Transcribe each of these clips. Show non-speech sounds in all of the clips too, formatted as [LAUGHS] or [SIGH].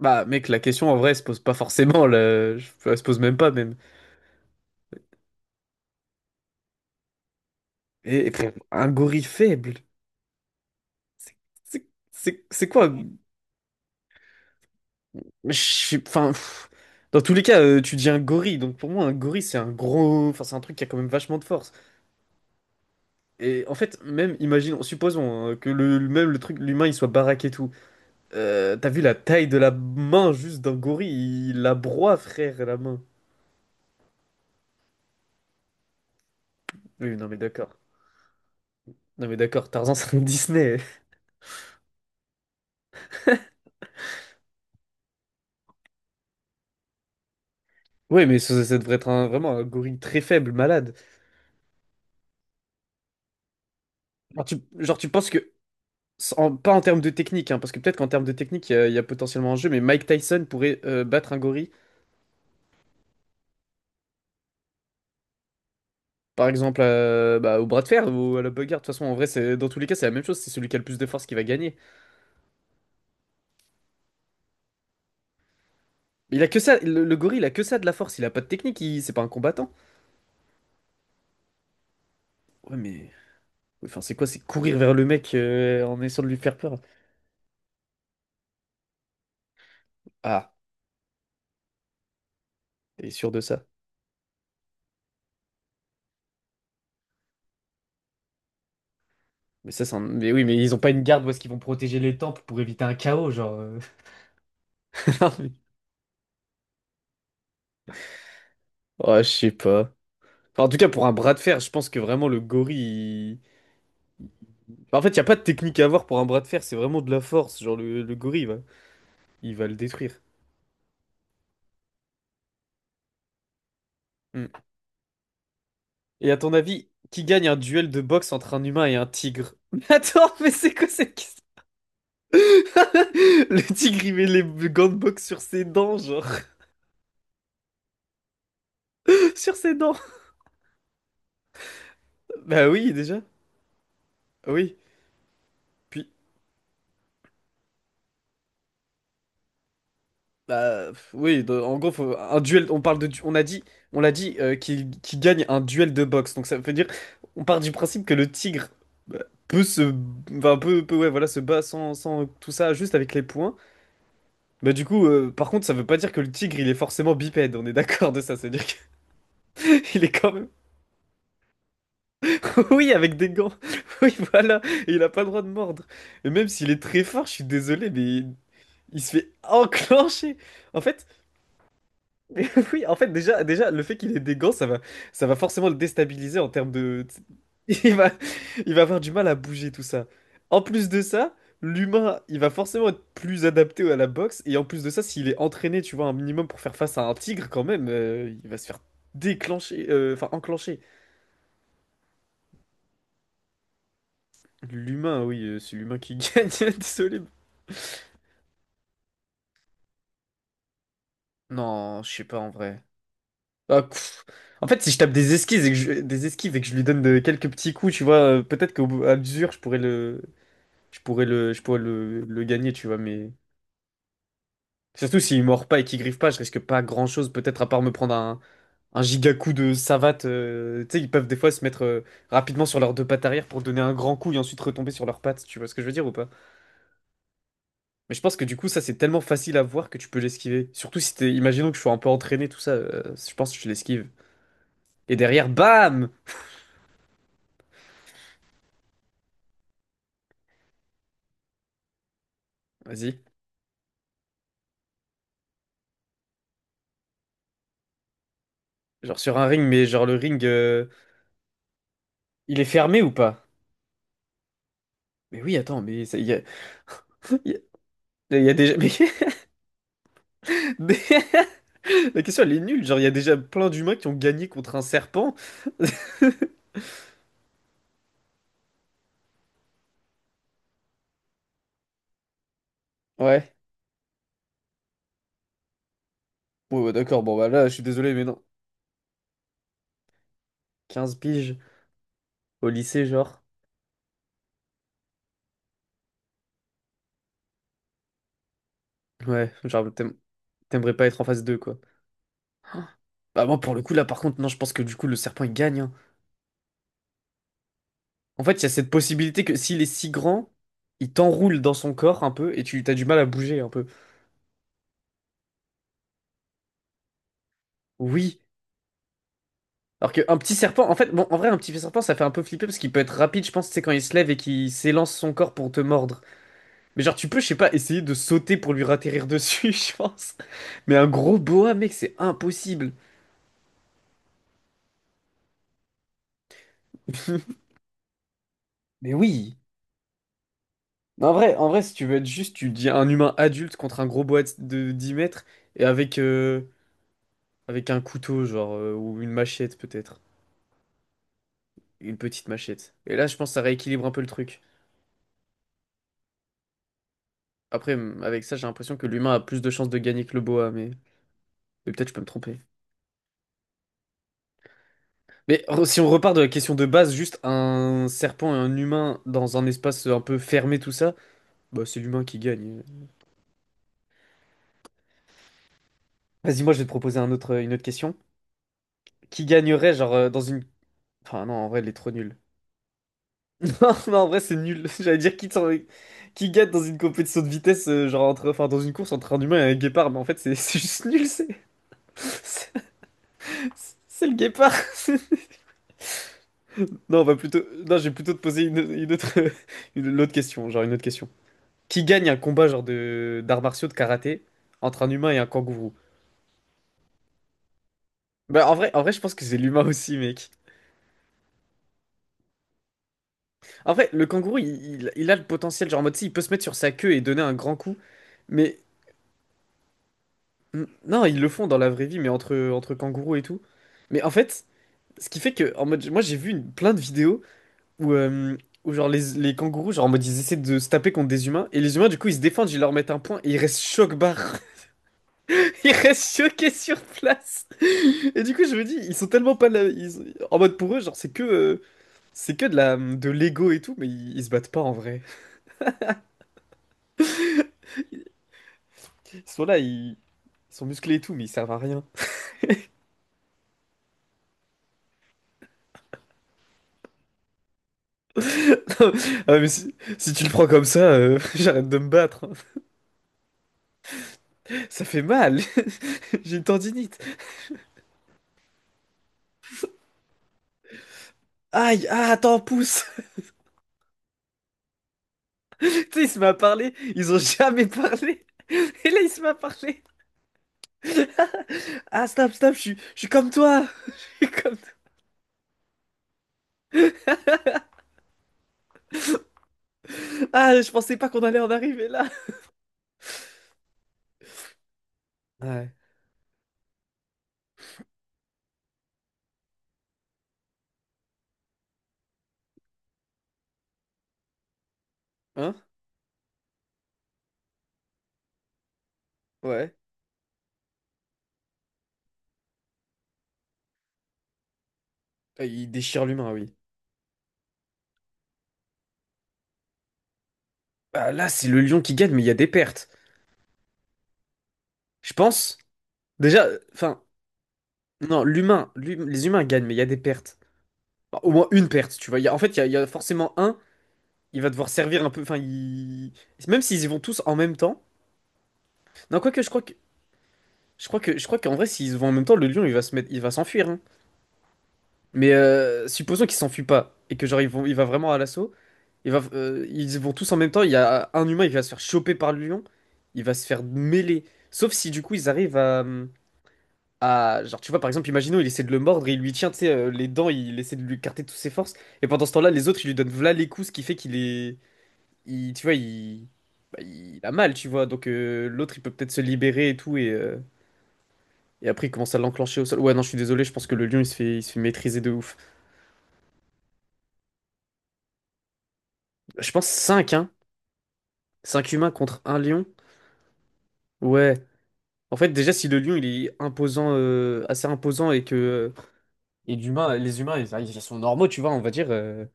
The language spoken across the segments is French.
Bah, mec, la question en vrai se pose pas forcément, là. Enfin, elle se pose même pas, même. Et un gorille faible, c'est c'est quoi? Enfin, dans tous les cas, tu dis un gorille, donc pour moi, un gorille, c'est un gros. Enfin, c'est un truc qui a quand même vachement de force. Et en fait, même, imaginons, supposons hein, que même le truc, l'humain, il soit baraque et tout. T'as vu la taille de la main juste d'un gorille? Il la broie, frère, la main. Oui, non, mais d'accord. Non, mais d'accord, Tarzan, c'est un Disney. Oui, mais ça devrait être vraiment un gorille très faible, malade. Genre, tu penses que, pas en termes de technique, hein, parce que peut-être qu'en termes de technique, il y a potentiellement un jeu, mais Mike Tyson pourrait battre un gorille, par exemple, bah, au bras de fer ou à la bagarre. De toute façon, en vrai, c'est, dans tous les cas, c'est la même chose. C'est celui qui a le plus de force qui va gagner. Il a que ça, le gorille, il a que ça de la force. Il a pas de technique, c'est pas un combattant. Ouais, mais. Enfin, c'est quoi? C'est courir vers le mec en essayant de lui faire peur. Ah, t'es sûr de ça? Mais ça, c'est Mais oui, mais ils ont pas une garde où est-ce qu'ils vont protéger les temples pour éviter un chaos, genre. [LAUGHS] Ouais, je sais pas. Enfin, en tout cas, pour un bras de fer, je pense que vraiment le gorille. En fait, il n'y a pas de technique à avoir pour un bras de fer, c'est vraiment de la force. Genre, le gorille, il va le détruire. Hmm. Et à ton avis, qui gagne un duel de boxe entre un humain et un tigre? [LAUGHS] Mais attends, mais c'est quoi cette question? [LAUGHS] Le tigre, il met les gants de boxe sur ses dents, genre. [LAUGHS] Sur ses dents. Bah oui, déjà. Oui. Puis, Bah, oui, en gros, un duel, on parle on a dit, on l'a dit, qu'il gagne un duel de boxe. Donc ça veut dire, on part du principe que le tigre bah, peut se, enfin, peut, ouais, voilà, se bat sans tout ça, juste avec les poings. Bah du coup, par contre, ça veut pas dire que le tigre, il est forcément bipède. On est d'accord de ça, c'est-à-dire qu'il [LAUGHS] est quand même, [LAUGHS] oui, avec des gants. [LAUGHS] Oui, voilà, et il a pas le droit de mordre. Et même s'il est très fort, je suis désolé, mais il se fait enclencher. En fait. Mais [LAUGHS] oui, en fait, déjà, déjà, le fait qu'il ait des gants, ça va, forcément le déstabiliser en termes de... [LAUGHS] Il va, il va avoir du mal à bouger tout ça. En plus de ça, l'humain, il va forcément être plus adapté à la boxe. Et en plus de ça, s'il est entraîné, tu vois, un minimum pour faire face à un tigre quand même, il va se faire déclencher, enfin enclencher. L'humain, oui, c'est l'humain qui [LAUGHS] gagne, désolé. Non, je sais pas en vrai. Ah, pff. En fait, si je tape des esquives et que des esquives et que je lui donne quelques petits coups, tu vois, peut-être à l'usure, je pourrais le gagner, tu vois, mais... Surtout s'il mord pas et qu'il griffe pas, je risque pas grand-chose, peut-être à part me prendre un giga coup de savate. Tu sais, ils peuvent des fois se mettre rapidement sur leurs deux pattes arrière pour donner un grand coup et ensuite retomber sur leurs pattes, tu vois ce que je veux dire ou pas? Mais je pense que du coup, ça, c'est tellement facile à voir que tu peux l'esquiver. Surtout si t'es... Imaginons que je sois un peu entraîné, tout ça, je pense que je l'esquive. Et derrière, bam! Vas-y. Genre sur un ring, mais genre le ring, il est fermé ou pas? Mais oui, attends, mais ça il y a... Il y il y a déjà... [LAUGHS] mais- La question, elle est nulle. Genre, il y a déjà plein d'humains qui ont gagné contre un serpent. [LAUGHS] Ouais. Ouais, ouais, d'accord. Bon, bah là, je suis désolé, mais non. 15 piges au lycée, genre. Ouais, genre, t'aimerais pas être en phase 2 quoi. [GASPS] Bah, moi, pour le coup, là, par contre, non, je pense que du coup, le serpent, il gagne, hein. En fait, il y a cette possibilité que s'il est si grand, il t'enroule dans son corps un peu et tu t'as du mal à bouger un peu. Oui. Alors qu'un petit serpent, en fait, bon, en vrai, un petit serpent, ça fait un peu flipper parce qu'il peut être rapide, je pense, c'est quand il se lève et qu'il s'élance son corps pour te mordre. Mais genre, tu peux, je sais pas, essayer de sauter pour lui ratterrir dessus, [LAUGHS] je pense. Mais un gros boa, mec, c'est impossible. [LAUGHS] Mais oui. Non, en vrai, en vrai, si tu veux être juste, tu dis un humain adulte contre un gros boa de 10 mètres et avec un couteau, genre, ou une machette peut-être. Une petite machette. Et là, je pense que ça rééquilibre un peu le truc. Après, avec ça, j'ai l'impression que l'humain a plus de chances de gagner que le boa, mais peut-être je peux me tromper. Mais si on repart de la question de base, juste un serpent et un humain dans un espace un peu fermé, tout ça. Bah, c'est l'humain qui gagne. Vas-y, moi je vais te proposer un autre, une autre question. Qui gagnerait, genre, dans une. Enfin, non, en vrai, elle est trop nulle. [LAUGHS] Non, non, en vrai, c'est nul. [LAUGHS] J'allais dire qui, qui gagne dans une compétition de vitesse, genre, entre... enfin, dans une course entre un humain et un guépard, mais en fait, c'est [LAUGHS] c'est juste nul, c'est. [LAUGHS] C'est c'est le guépard. [LAUGHS] Non, on va plutôt. Non, je vais plutôt te poser une autre. [LAUGHS] Une, autre question, genre, une autre question. Qui gagne un combat, genre, de d'arts martiaux, de karaté, entre un humain et un kangourou? Bah, en vrai, je pense que c'est l'humain aussi, mec. En vrai, le kangourou, il a le potentiel, genre en mode, si, il peut se mettre sur sa queue et donner un grand coup. Mais non, ils le font dans la vraie vie, mais entre kangourous et tout. Mais en fait, ce qui fait que, en mode, moi j'ai vu plein de vidéos où, euh, où genre les kangourous, genre en mode, ils essaient de se taper contre des humains, et les humains, du coup, ils se défendent, ils leur mettent un point, et ils restent choc-barre. [LAUGHS] Ils restent choqués sur place. Et du coup, je me dis, ils sont tellement pas là. En mode, pour eux, genre, c'est que de la, de l'ego et tout, mais ils se battent pas en vrai. Ils sont là, ils sont musclés et tout, mais ils servent à rien. [LAUGHS] Ah, ouais, mais si tu le prends comme ça, [LAUGHS] j'arrête de me battre. [LAUGHS] Ça fait mal. [LAUGHS] J'ai une tendinite. Aïe, ah, attends, pousse. [LAUGHS] Tu sais, il se met à parler. Ils ont [LAUGHS] jamais parlé. Et là, il se met à parler. Ah, snap, snap, je suis comme toi. [LAUGHS] Je suis comme... Ah, je pensais pas qu'on allait en arriver là. [LAUGHS] Ouais. Hein? Ouais. Ah, il déchire l'humain, oui. Ah, là, c'est le lion qui gagne, mais il y a des pertes. Je pense. Déjà, enfin, non, l'humain, les humains gagnent, mais il y a des pertes. Bah, au moins une perte, tu vois. En fait, il y a forcément un, il va devoir servir un peu. Enfin, il... Même s'ils y vont tous en même temps. Non, quoique, je crois que. Je crois que, je crois qu'en vrai, s'ils vont en même temps, le lion, il va se mettre, il va s'enfuir, hein. Mais supposons qu'il s'enfuit pas et que genre ils vont, il va vraiment à l'assaut. Ils vont tous en même temps. Il y a un humain, il va se faire choper par le lion. Il va se faire mêler. Sauf si du coup ils arrivent à genre tu vois par exemple, imaginons il essaie de le mordre, et il lui tient tu sais, les dents, il essaie de lui écarter toutes ses forces. Et pendant ce temps-là, les autres ils lui donnent v'là les coups, ce qui fait qu'il est il, tu vois, il, bah, il a mal, tu vois. Donc l'autre, il peut peut-être se libérer et tout. Et après, il commence à l'enclencher au sol. Ouais, non, je suis désolé, je pense que le lion, il se fait maîtriser de ouf. Je pense 5 hein. 5 humains contre un lion. Ouais. En fait, déjà, si le lion, il est imposant, assez imposant et que. Et les humains, ils sont normaux, tu vois, on va dire.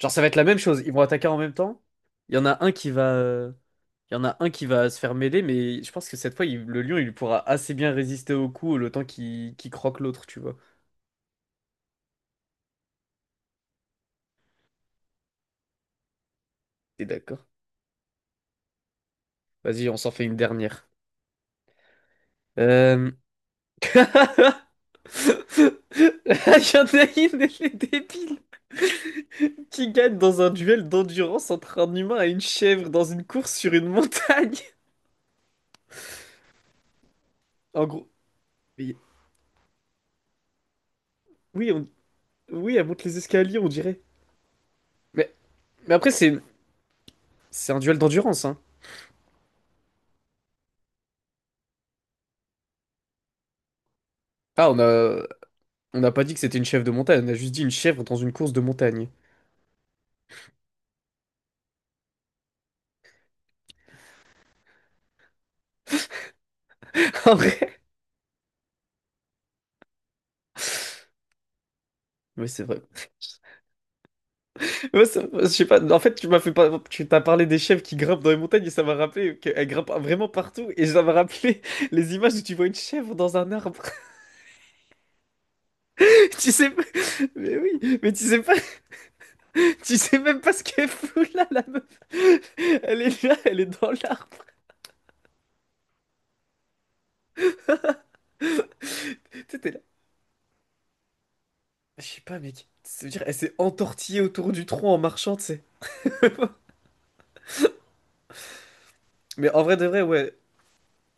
Genre, ça va être la même chose. Ils vont attaquer en même temps. Il y en a un qui va, il y en a un qui va se faire mêler, mais je pense que cette fois, le lion, il pourra assez bien résister au coup le temps qu'il croque l'autre, tu vois. T'es d'accord? Vas-y, on s'en fait une dernière. Euh... [LAUGHS] Il y en a une, les débiles, qui gagne dans un duel d'endurance entre un humain et une chèvre dans une course sur une montagne. [LAUGHS] En gros, mais- oui, oui, elle monte les escaliers, on dirait. Mais, mais après, c'est un duel d'endurance, hein. Ah, on a... On n'a pas dit que c'était une chèvre de montagne, on a juste dit une chèvre dans une course de montagne. [LAUGHS] En vrai. Oui, c'est vrai. Ouais, je sais pas. En fait, tu m'as fait pas. Tu t'as parlé des chèvres qui grimpent dans les montagnes et ça m'a rappelé qu'elles grimpent vraiment partout et ça m'a rappelé [LAUGHS] les images où tu vois une chèvre dans un arbre. [LAUGHS] Tu sais pas. Mais oui, mais tu sais pas. [LAUGHS] Tu sais même pas ce qu'elle fout là, la meuf. Elle est là, elle est dans l'arbre. Tu sais, t'es là. Je sais pas, mec. Ça veut dire, elle s'est entortillée autour du tronc en marchant, tu sais. Mais en vrai de vrai, ouais.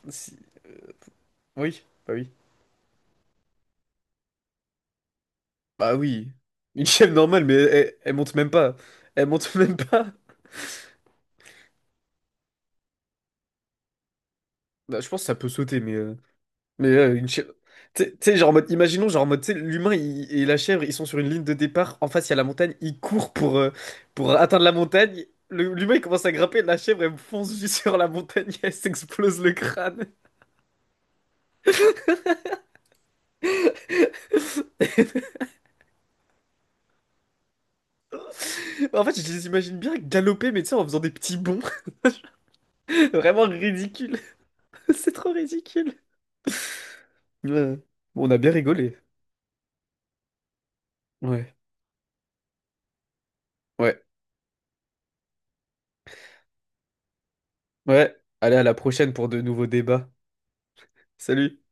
Si- Oui, bah oui. Bah oui. Une chèvre normale, mais elle, elle monte même pas. Elle monte [LAUGHS] même pas. Bah, je pense que ça peut sauter, mais... Mais une chèvre... tu sais, genre en mode, imaginons, genre en mode, tu sais, et la chèvre, ils sont sur une ligne de départ, en face il y a la montagne, ils courent pour atteindre la montagne, l'humain il commence à grimper, la chèvre elle fonce juste sur la montagne, [LAUGHS] elle s'explose le crâne. En fait, je les imagine bien galoper, mais tu sais, en faisant des petits bonds, [LAUGHS] vraiment ridicule. [LAUGHS] C'est trop ridicule. Ouais. Bon, on a bien rigolé. Ouais. Ouais. Ouais, allez, à la prochaine pour de nouveaux débats. Salut!